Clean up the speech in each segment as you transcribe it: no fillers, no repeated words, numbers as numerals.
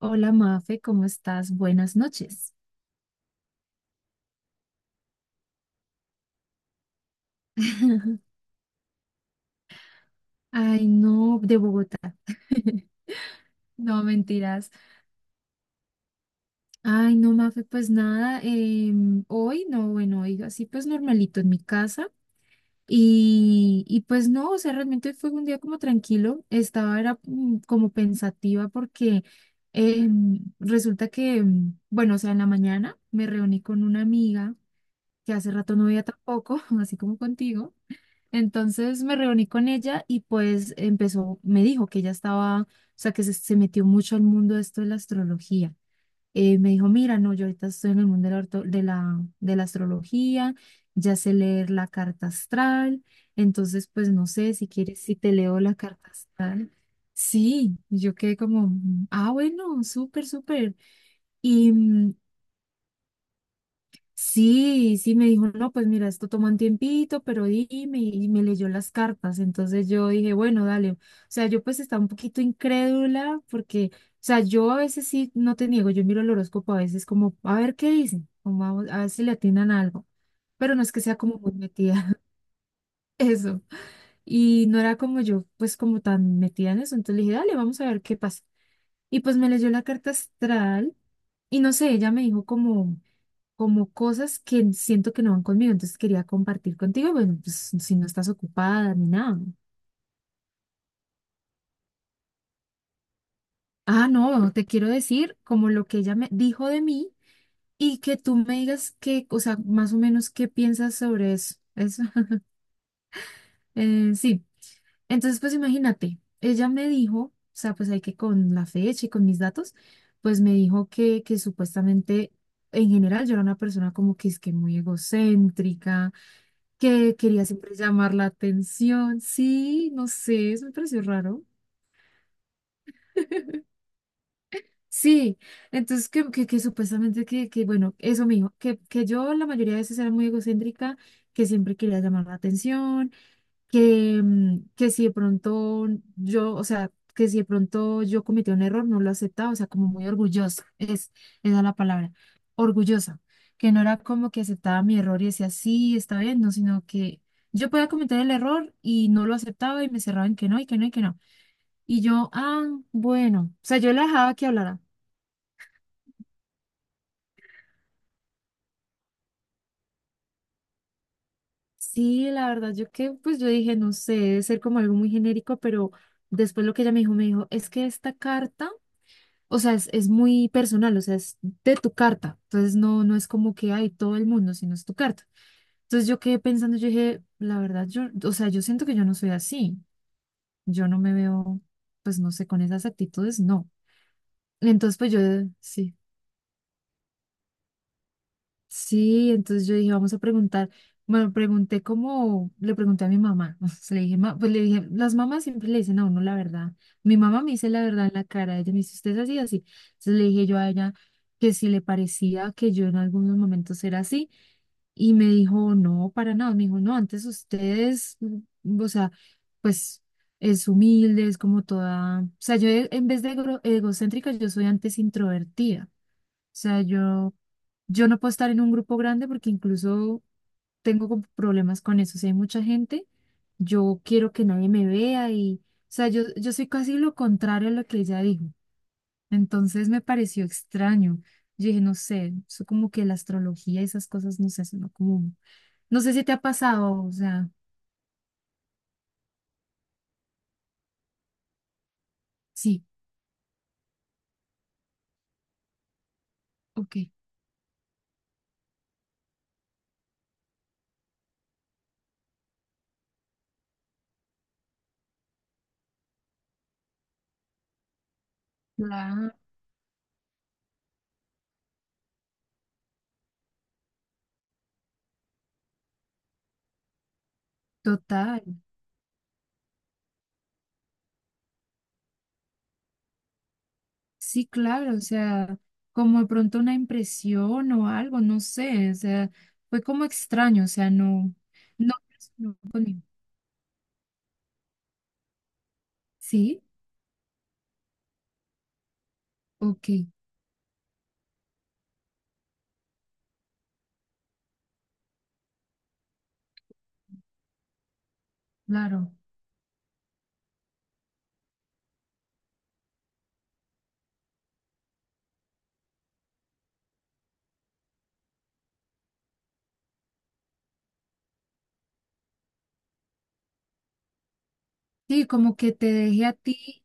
Hola Mafe, ¿cómo estás? Buenas noches. Ay, no, de Bogotá. No, mentiras. Ay, no, Mafe, pues nada, hoy, no, bueno, hoy así pues normalito en mi casa. Y pues no, o sea, realmente fue un día como tranquilo. Estaba, era como pensativa porque resulta que, bueno, o sea, en la mañana me reuní con una amiga que hace rato no veía tampoco, así como contigo. Entonces me reuní con ella y pues empezó, me dijo que ella estaba, o sea, que se metió mucho al mundo de esto de la astrología. Me dijo, mira, no, yo ahorita estoy en el mundo de la astrología, ya sé leer la carta astral, entonces pues no sé si quieres, si te leo la carta astral. Sí, yo quedé como, ah, bueno, súper, súper. Y, mm, Sí, sí, me dijo, no, pues mira, esto toma un tiempito, pero dime, y me leyó las cartas. Entonces yo dije, bueno, dale. O sea, yo pues estaba un poquito incrédula porque, o sea, yo a veces sí, no te niego, yo miro el horóscopo a veces como, a ver qué dicen, como a ver si le atinan a algo, pero no es que sea como muy metida, eso. Y no era como yo, pues como tan metida en eso. Entonces le dije, dale, vamos a ver qué pasa. Y pues me leyó la carta astral y no sé, ella me dijo como cosas que siento que no van conmigo, entonces quería compartir contigo, bueno, pues si no estás ocupada ni nada. Ah, no, te quiero decir como lo que ella me dijo de mí y que tú me digas qué, o sea, más o menos qué piensas sobre eso. Eso. Sí, entonces pues imagínate, ella me dijo, o sea, pues hay que con la fecha y con mis datos, pues me dijo que supuestamente en general yo era una persona como que es que muy egocéntrica que quería siempre llamar la atención. Sí, no sé, eso me pareció raro. Sí, entonces que supuestamente bueno, eso mismo, que yo la mayoría de veces era muy egocéntrica, que siempre quería llamar la atención, que si de pronto que si de pronto yo cometí un error, no lo aceptaba, o sea, como muy orgullosa, esa es la palabra, orgullosa, que no era como que aceptaba mi error y decía, sí, está bien, no, sino que yo podía cometer el error y no lo aceptaba y me cerraba en que no, y que no, y que no. Y yo, ah, bueno, o sea, yo la dejaba que hablara. Sí, la verdad, pues yo dije, no sé, debe ser como algo muy genérico, pero después lo que ella me dijo, es que esta carta, o sea, es muy personal, o sea, es de tu carta. Entonces no, no es como que hay todo el mundo, sino es tu carta. Entonces yo quedé pensando, yo dije, la verdad, o sea, yo siento que yo no soy así. Yo no me veo, pues no sé, con esas actitudes, no. Entonces, pues yo, sí. Sí, entonces yo dije, vamos a preguntar. Bueno, le pregunté a mi mamá. O sea, le dije, "Ma", pues le dije, las mamás siempre le dicen a uno la verdad. Mi mamá me dice la verdad en la cara. Ella me dice, usted es así, así. Entonces le dije yo a ella que si le parecía que yo en algunos momentos era así. Y me dijo, no, para nada. Me dijo, no, antes ustedes, o sea, pues es humilde, es como toda. O sea, yo en vez de egocéntrica, yo soy antes introvertida sea, yo no puedo estar en un grupo grande porque incluso tengo como problemas con eso. Si hay mucha gente, yo quiero que nadie me vea y, o sea, yo soy casi lo contrario a lo que ella dijo. Entonces me pareció extraño. Yo dije, no sé, eso como que la astrología y esas cosas, no sé, eso no como, no sé si te ha pasado, o sea, sí. Ok. La... Total. Sí, claro, o sea, como de pronto una impresión o algo, no sé, o sea, fue como extraño, o sea, no, no, no, sí, ok, claro. Sí, como que te deje a ti,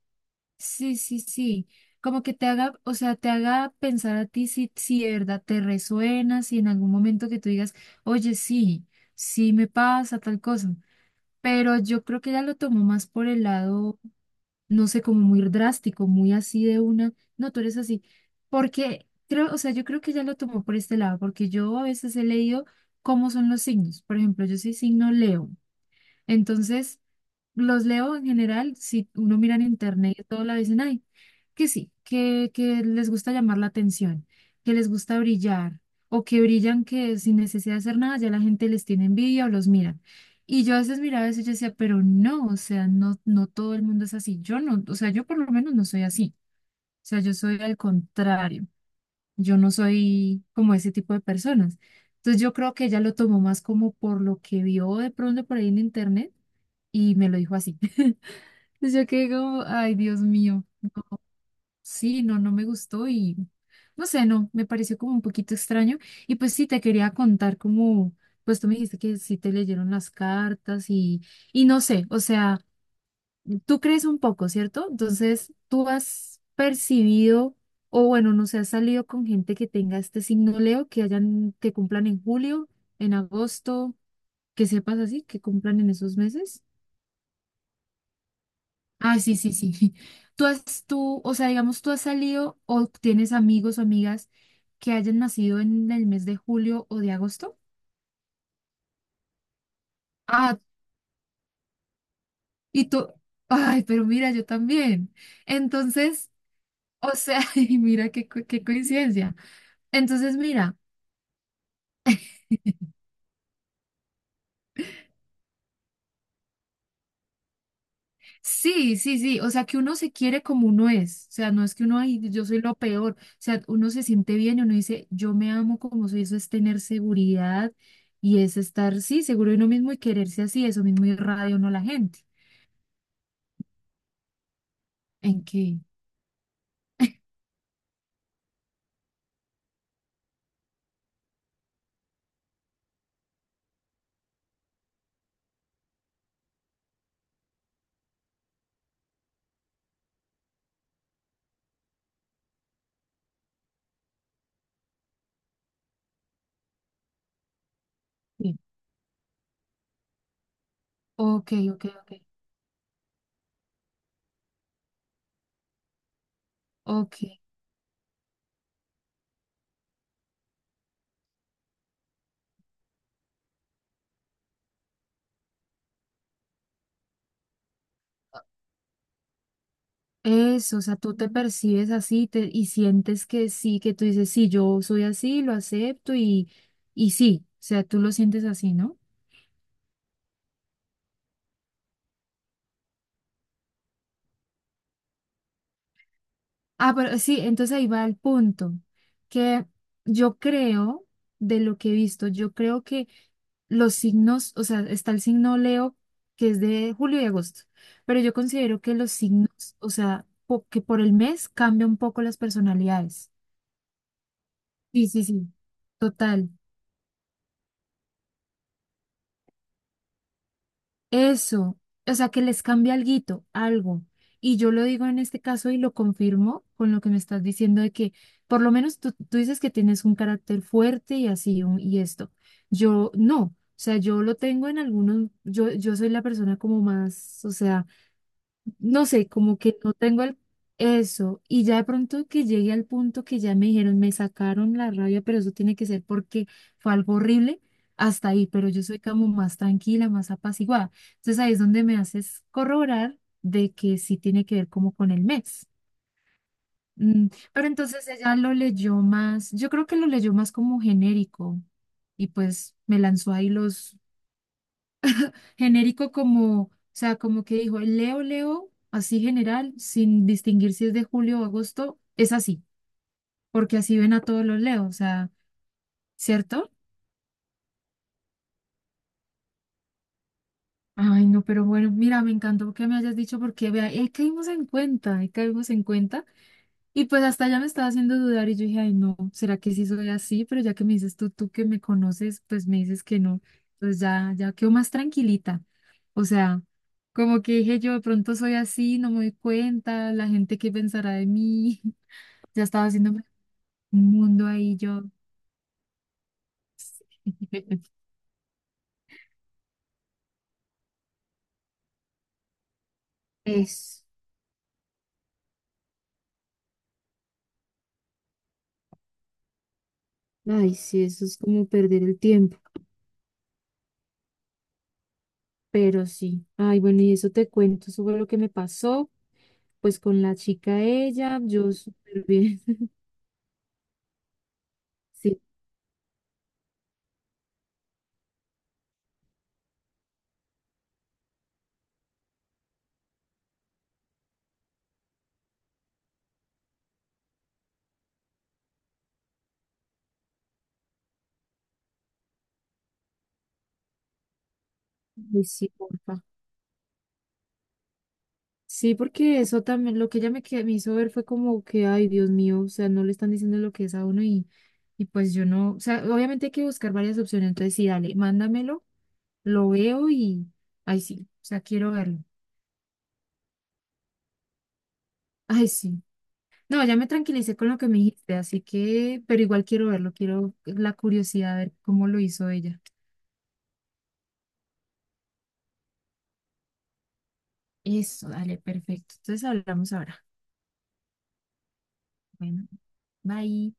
sí, sí, sí, como que te haga, o sea, te haga pensar a ti si de verdad te resuena, si en algún momento que tú digas, oye, sí, sí me pasa tal cosa, pero yo creo que ella lo tomó más por el lado. No sé, como muy drástico, muy así de una, no, tú eres así, porque creo, o sea, yo creo que ya lo tomó por este lado, porque yo a veces he leído cómo son los signos, por ejemplo, yo soy signo Leo, entonces los leo en general, si uno mira en internet y todo, la dicen, ay, que sí, que les gusta llamar la atención, que les gusta brillar, o que brillan, que sin necesidad de hacer nada ya la gente les tiene envidia o los mira. Y yo a veces miraba eso y yo decía, pero no, o sea, no, no todo el mundo es así. Yo no, o sea, yo por lo menos no soy así. O sea, yo soy al contrario. Yo no soy como ese tipo de personas. Entonces yo creo que ella lo tomó más como por lo que vio de pronto por ahí en internet y me lo dijo así. Entonces yo quedé como, ay, Dios mío, sí, no, no me gustó y no sé, no, me pareció como un poquito extraño. Y pues sí, te quería contar como, pues tú me dijiste que sí te leyeron las cartas y no sé, o sea, tú crees un poco, ¿cierto? Entonces tú has percibido, o bueno, no sé, has salido con gente que tenga este signo Leo, que hayan, que cumplan en julio, en agosto, que sepas así, que cumplan en esos meses. Ah, sí, sí, sí. O sea, digamos, tú has salido o tienes amigos o amigas que hayan nacido en el mes de julio o de agosto. Ah, y tú, ay, pero mira, yo también. Entonces, o sea, y mira qué coincidencia. Entonces, mira. Sí, sí, sí, o sea que uno se quiere como uno es, o sea, no es que uno, ay, yo soy lo peor, o sea, uno se siente bien y uno dice, yo me amo como soy, eso es tener seguridad y es estar, sí, seguro de uno mismo y quererse así, eso mismo irradia uno a la gente. ¿En qué? Sí. Ok, ok, ok, ok. Eso, o sea, tú te percibes así, y sientes que sí, que tú dices, sí, yo soy así, lo acepto y sí, o sea, tú lo sientes así, ¿no? Ah, pero sí, entonces ahí va el punto, que yo creo, de lo que he visto, yo creo que los signos, o sea, está el signo Leo, que es de julio y agosto, pero yo considero que los signos, o sea, que por el mes cambia un poco las personalidades. Sí, sí, sí, total. Eso, o sea, que les cambia alguito, algo. Y yo lo digo en este caso y lo confirmo con lo que me estás diciendo de que por lo menos tú dices que tienes un carácter fuerte y así y esto. Yo no, o sea, yo lo tengo en algunos, yo soy la persona como más, o sea, no sé, como que no tengo el, eso. Y ya de pronto que llegué al punto que ya me dijeron, me sacaron la rabia, pero eso tiene que ser porque fue algo horrible hasta ahí, pero yo soy como más tranquila, más apaciguada. Entonces ahí es donde me haces corroborar de que sí tiene que ver como con el mes. Pero entonces ella lo leyó más, yo creo que lo leyó más como genérico y pues me lanzó ahí los. Genérico como, o sea, como que dijo, Leo, Leo, así general, sin distinguir si es de julio o agosto, es así, porque así ven a todos los Leo, o sea, ¿cierto? Ay, no, pero bueno, mira, me encantó que me hayas dicho porque, vea, ahí caímos en cuenta, ahí caímos en cuenta. Y pues hasta ya me estaba haciendo dudar y yo dije, ay, no, ¿será que sí soy así? Pero ya que me dices tú, tú que me conoces, pues me dices que no. Pues ya, ya quedo más tranquilita. O sea, como que dije yo, de pronto soy así, no me doy cuenta, la gente qué pensará de mí. Ya estaba haciéndome un mundo ahí yo. Es, Ay, sí, eso es como perder el tiempo, pero sí, ay, bueno, y eso te cuento, eso fue lo que me pasó, pues con la chica ella, yo súper bien. Sí. Ay, sí, porfa. Sí, porque eso también, lo que ella me hizo ver fue como que, ay, Dios mío, o sea, no le están diciendo lo que es a uno y pues yo no, o sea, obviamente hay que buscar varias opciones, entonces sí, dale, mándamelo, lo veo y, ay, sí, o sea, quiero verlo. Ay, sí. No, ya me tranquilicé con lo que me dijiste, así que, pero igual quiero verlo, quiero la curiosidad de ver cómo lo hizo ella. Eso, dale, perfecto. Entonces hablamos ahora. Bueno, bye.